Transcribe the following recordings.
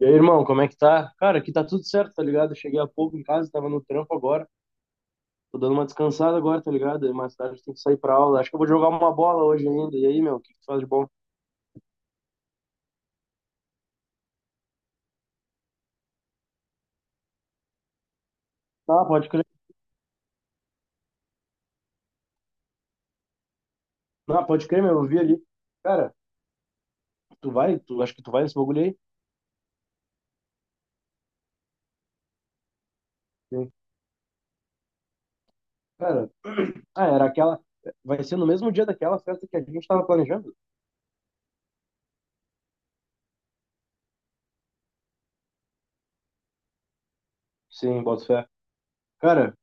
E aí, irmão, como é que tá? Cara, aqui tá tudo certo, tá ligado? Eu cheguei há pouco em casa, tava no trampo agora. Tô dando uma descansada agora, tá ligado? Mais tarde tem que sair pra aula. Acho que eu vou jogar uma bola hoje ainda. E aí, meu, o que que tu faz de bom? Ah, pode crer. Ah, pode crer, meu, eu vi ali. Cara, tu vai? Tu, acho que tu vai nesse bagulho aí? Sim. Cara, ah, era aquela. Vai ser no mesmo dia daquela festa que a gente tava planejando? Sim, boto fé. Cara,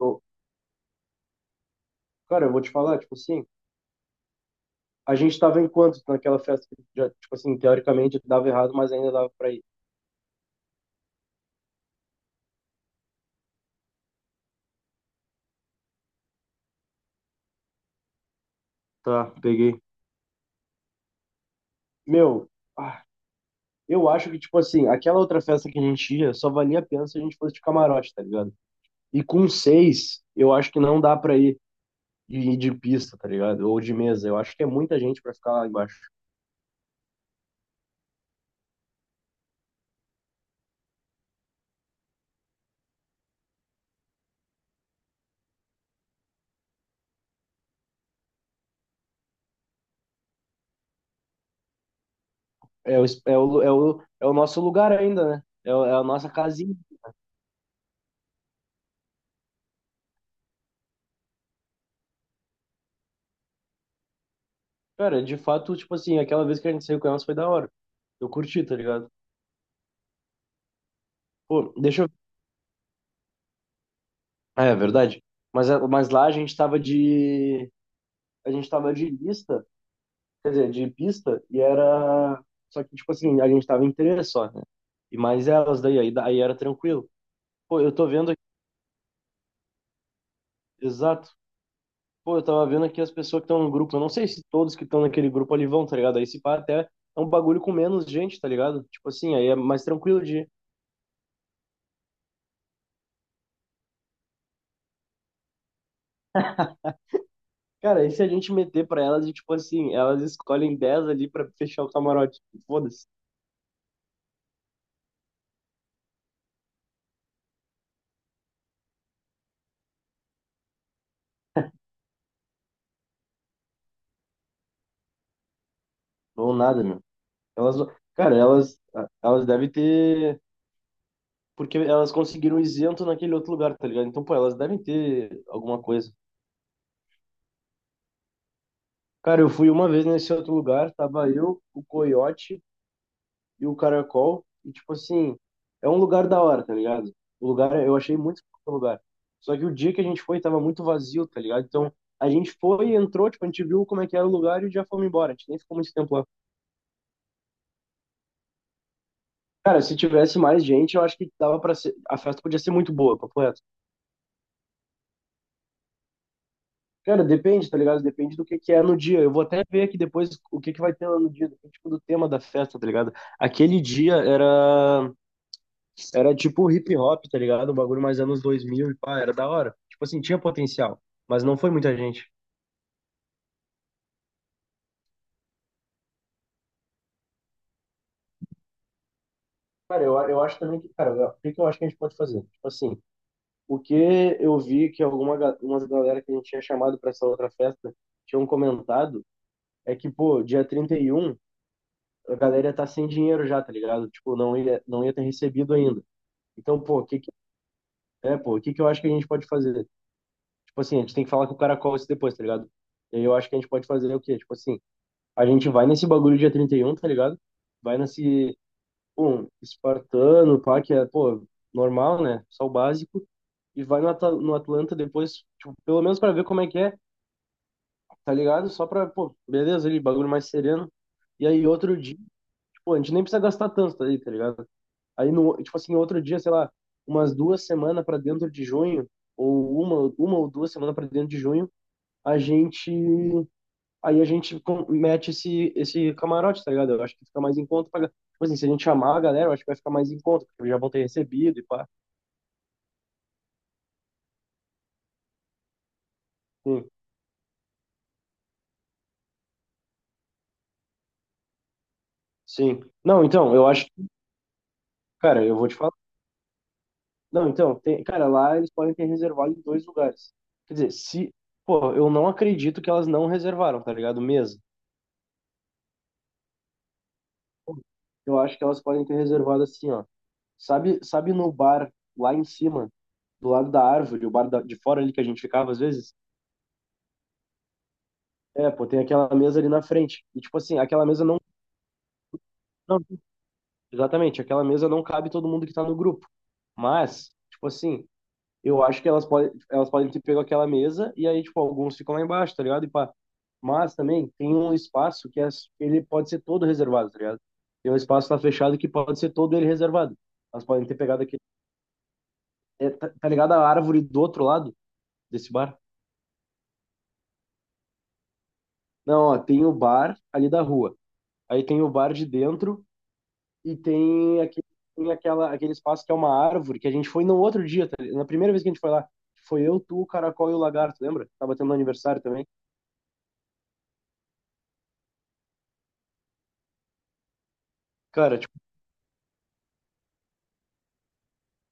eu- cara, eu vou te falar, tipo assim, a gente tava em quanto naquela festa que já, tipo assim, teoricamente dava errado, mas ainda dava pra ir. Tá, peguei. Meu, ah, eu acho que, tipo assim, aquela outra festa que a gente ia só valia a pena se a gente fosse de camarote, tá ligado? E com seis, eu acho que não dá pra ir de pista, tá ligado? Ou de mesa. Eu acho que é muita gente pra ficar lá embaixo. É o, es- é o, é o, é o nosso lugar ainda, né? É, é a nossa casinha. Cara, de fato, tipo assim, aquela vez que a gente saiu com elas foi da hora. Eu curti, tá ligado? Pô, deixa eu. É, é verdade. Mas, mas lá a gente tava de. A gente tava de lista. Quer dizer, de pista, e era. Só que, tipo assim, a gente tava em três só, né? E mais elas daí, aí era tranquilo. Pô, eu tô vendo aqui, exato. Pô, eu tava vendo aqui as pessoas que estão no grupo. Eu não sei se todos que estão naquele grupo ali vão, tá ligado? Aí se pá até é um bagulho com menos gente, tá ligado? Tipo assim, aí é mais tranquilo de ir. Cara, e se a gente meter pra elas e, tipo assim, elas escolhem 10 ali pra fechar o camarote? Foda-se. Ou nada, meu. Elas, cara, elas devem ter porque elas conseguiram isento naquele outro lugar, tá ligado? Então, pô, elas devem ter alguma coisa. Cara, eu fui uma vez nesse outro lugar, tava eu, o Coiote e o Caracol, e tipo assim, é um lugar da hora, tá ligado? O lugar, eu achei muito foda o lugar. Só que o dia que a gente foi tava muito vazio, tá ligado? Então, a gente foi e entrou, tipo, a gente viu como é que era o lugar e já fomos embora. A gente nem ficou muito tempo lá. Cara, se tivesse mais gente, eu acho que dava pra ser, a festa podia ser muito boa, papo reto. Cara, depende, tá ligado? Depende do que é no dia. Eu vou até ver aqui depois o que que vai ter lá no dia, depende, tipo do tema da festa, tá ligado? Aquele dia era era tipo hip hop, tá ligado? Um bagulho mais anos 2000 e pá, era da hora. Tipo assim, tinha potencial, mas não foi muita gente. Cara, eu acho também que, cara, o que que eu acho que a gente pode fazer? Tipo assim, o que eu vi que umas galera que a gente tinha chamado pra essa outra festa tinham comentado é que, pô, dia 31 a galera ia tá sem dinheiro já, tá ligado? Tipo, não ia ter recebido ainda. Então, pô, o que que, é, pô, o que que eu acho que a gente pode fazer? Tipo assim, a gente tem que falar com o caracol isso depois, tá ligado? E aí eu acho que a gente pode fazer o quê? Tipo assim, a gente vai nesse bagulho dia 31 tá ligado? Vai nesse, um, espartano, pá, que é, pô, normal, né? Só o básico. E vai no, no Atlanta depois, tipo, pelo menos pra ver como é que é, tá ligado? Só pra, pô, beleza, ali, bagulho mais sereno. E aí outro dia, tipo, a gente nem precisa gastar tanto, tá aí, tá ligado? Aí, no, tipo assim, outro dia, sei lá, umas 2 semanas para dentro de junho, ou uma ou 2 semanas para dentro de junho, a gente. Aí a gente mete esse, esse camarote, tá ligado? Eu acho que fica mais em conta. Pra, tipo assim, se a gente chamar a galera, eu acho que vai ficar mais em conta, porque já vão ter recebido e pá. Sim, sim. Não, então, eu acho. Cara, eu vou te falar. Não, então, tem, cara, lá eles podem ter reservado em dois lugares. Quer dizer, se. Pô, eu não acredito que elas não reservaram, tá ligado? Mesa. Eu acho que elas podem ter reservado assim, ó. Sabe, sabe no bar lá em cima, do lado da árvore, o bar de fora ali que a gente ficava às vezes? É, pô, tem aquela mesa ali na frente. E tipo assim, aquela mesa não, não, exatamente, aquela mesa não cabe todo mundo que tá no grupo. Mas, tipo assim, eu acho que elas podem ter pego aquela mesa e aí, tipo, alguns ficam lá embaixo, tá ligado? E pá. Mas também tem um espaço que é, ele pode ser todo reservado, tá ligado? Tem um espaço lá fechado que pode ser todo ele reservado. Elas podem ter pegado aquele é, tá ligado a árvore do outro lado desse bar? Não, ó, tem o bar ali da rua. Aí tem o bar de dentro e tem aquele, tem aquela, aquele espaço que é uma árvore que a gente foi no outro dia, na primeira vez que a gente foi lá. Foi eu, tu, o Caracol e o Lagarto, lembra? Tava tendo aniversário também. Cara, tipo,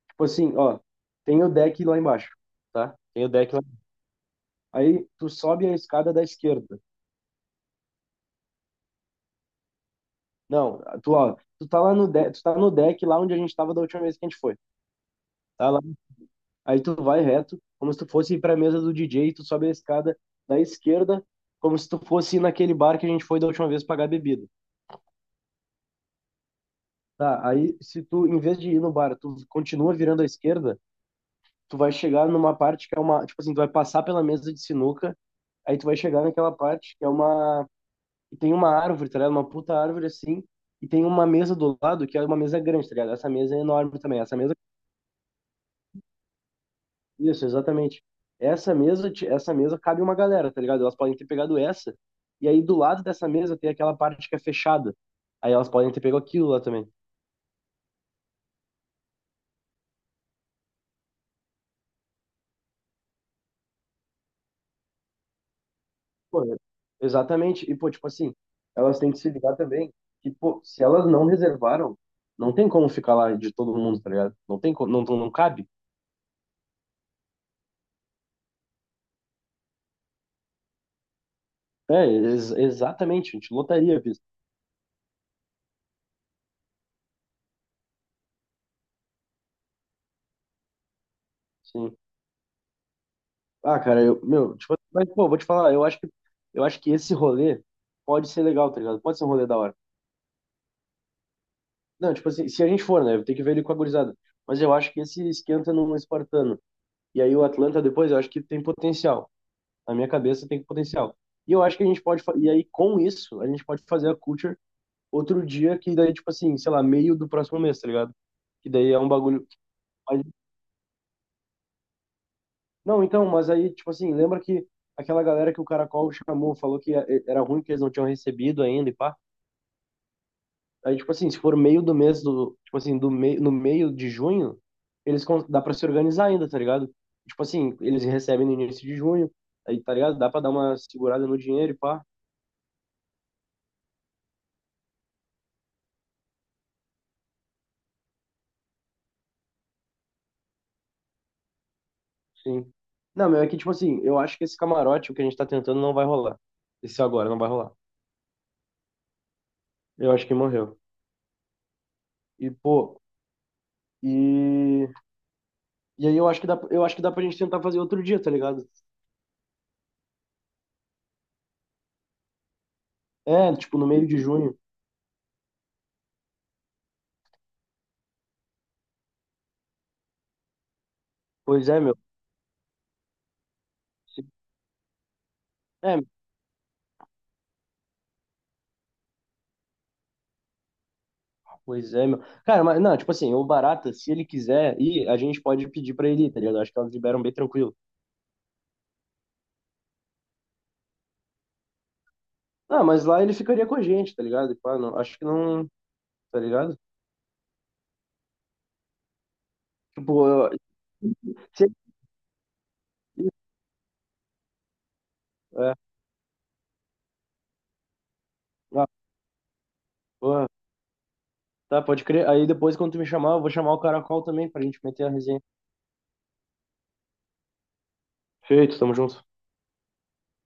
tipo assim, ó, tem o deck lá embaixo, tá? Tem o deck lá. Aí tu sobe a escada da esquerda. Não, tu, ó, tu tá lá no deck, tu tá no deck lá onde a gente tava da última vez que a gente foi. Tá lá. Aí tu vai reto, como se tu fosse ir pra mesa do DJ, e tu sobe a escada da esquerda, como se tu fosse ir naquele bar que a gente foi da última vez pagar bebida. Tá, aí se tu, em vez de ir no bar, tu continua virando à esquerda, tu vai chegar numa parte que é uma, tipo assim, tu vai passar pela mesa de sinuca, aí tu vai chegar naquela parte que é uma, que tem uma árvore, tá ligado? Uma puta árvore assim, e tem uma mesa do lado que é uma mesa grande, tá ligado? Essa mesa é enorme também, essa mesa. Isso, exatamente. Essa mesa cabe uma galera, tá ligado? Elas podem ter pegado essa, e aí do lado dessa mesa tem aquela parte que é fechada. Aí elas podem ter pego aquilo lá também. Pô, exatamente. E, pô, tipo assim, elas têm que se ligar também que, pô, se elas não reservaram, não tem como ficar lá de todo mundo, tá ligado? Não tem como, não, não cabe. É, exatamente, a gente lotaria a. Sim. Ah, cara, eu, meu, tipo, mas, pô, vou te falar, eu acho que esse rolê pode ser legal, tá ligado? Pode ser um rolê da hora. Não, tipo assim, se a gente for, né? Eu tenho que ver ele com a gurizada. Mas eu acho que esse esquenta no espartano. E aí o Atlanta depois, eu acho que tem potencial. Na minha cabeça tem potencial. E eu acho que a gente pode. Fa- E aí com isso, a gente pode fazer a culture outro dia, que daí, tipo assim, sei lá, meio do próximo mês, tá ligado? Que daí é um bagulho. Mas- Não, então, mas aí, tipo assim, lembra que aquela galera que o Caracol chamou, falou que era ruim, que eles não tinham recebido ainda e pá. Aí, tipo assim, se for meio do mês tipo assim, do meio, no meio de junho, eles dá pra se organizar ainda, tá ligado? Tipo assim, eles recebem no início de junho, aí, tá ligado? Dá pra dar uma segurada no dinheiro e pá, sim. Não, meu, é que, tipo assim, eu acho que esse camarote, o que a gente tá tentando, não vai rolar. Esse agora não vai rolar. Eu acho que morreu. E, pô, e... E aí eu acho que dá, eu acho que dá pra gente tentar fazer outro dia, tá ligado? É, tipo, no meio de junho. Pois é, meu. É, Pois é, meu. Cara, mas não, tipo assim, o Barata, se ele quiser ir, a gente pode pedir pra ele ir, tá ligado? Acho que elas liberam bem tranquilo. Ah, mas lá ele ficaria com a gente, tá ligado? Tipo, ah, não, acho que não, tá ligado? Tipo, se- é, ah, porra, tá, pode crer. Aí depois, quando tu me chamar, eu vou chamar o Caracol também pra gente meter a resenha. Feito, tamo junto.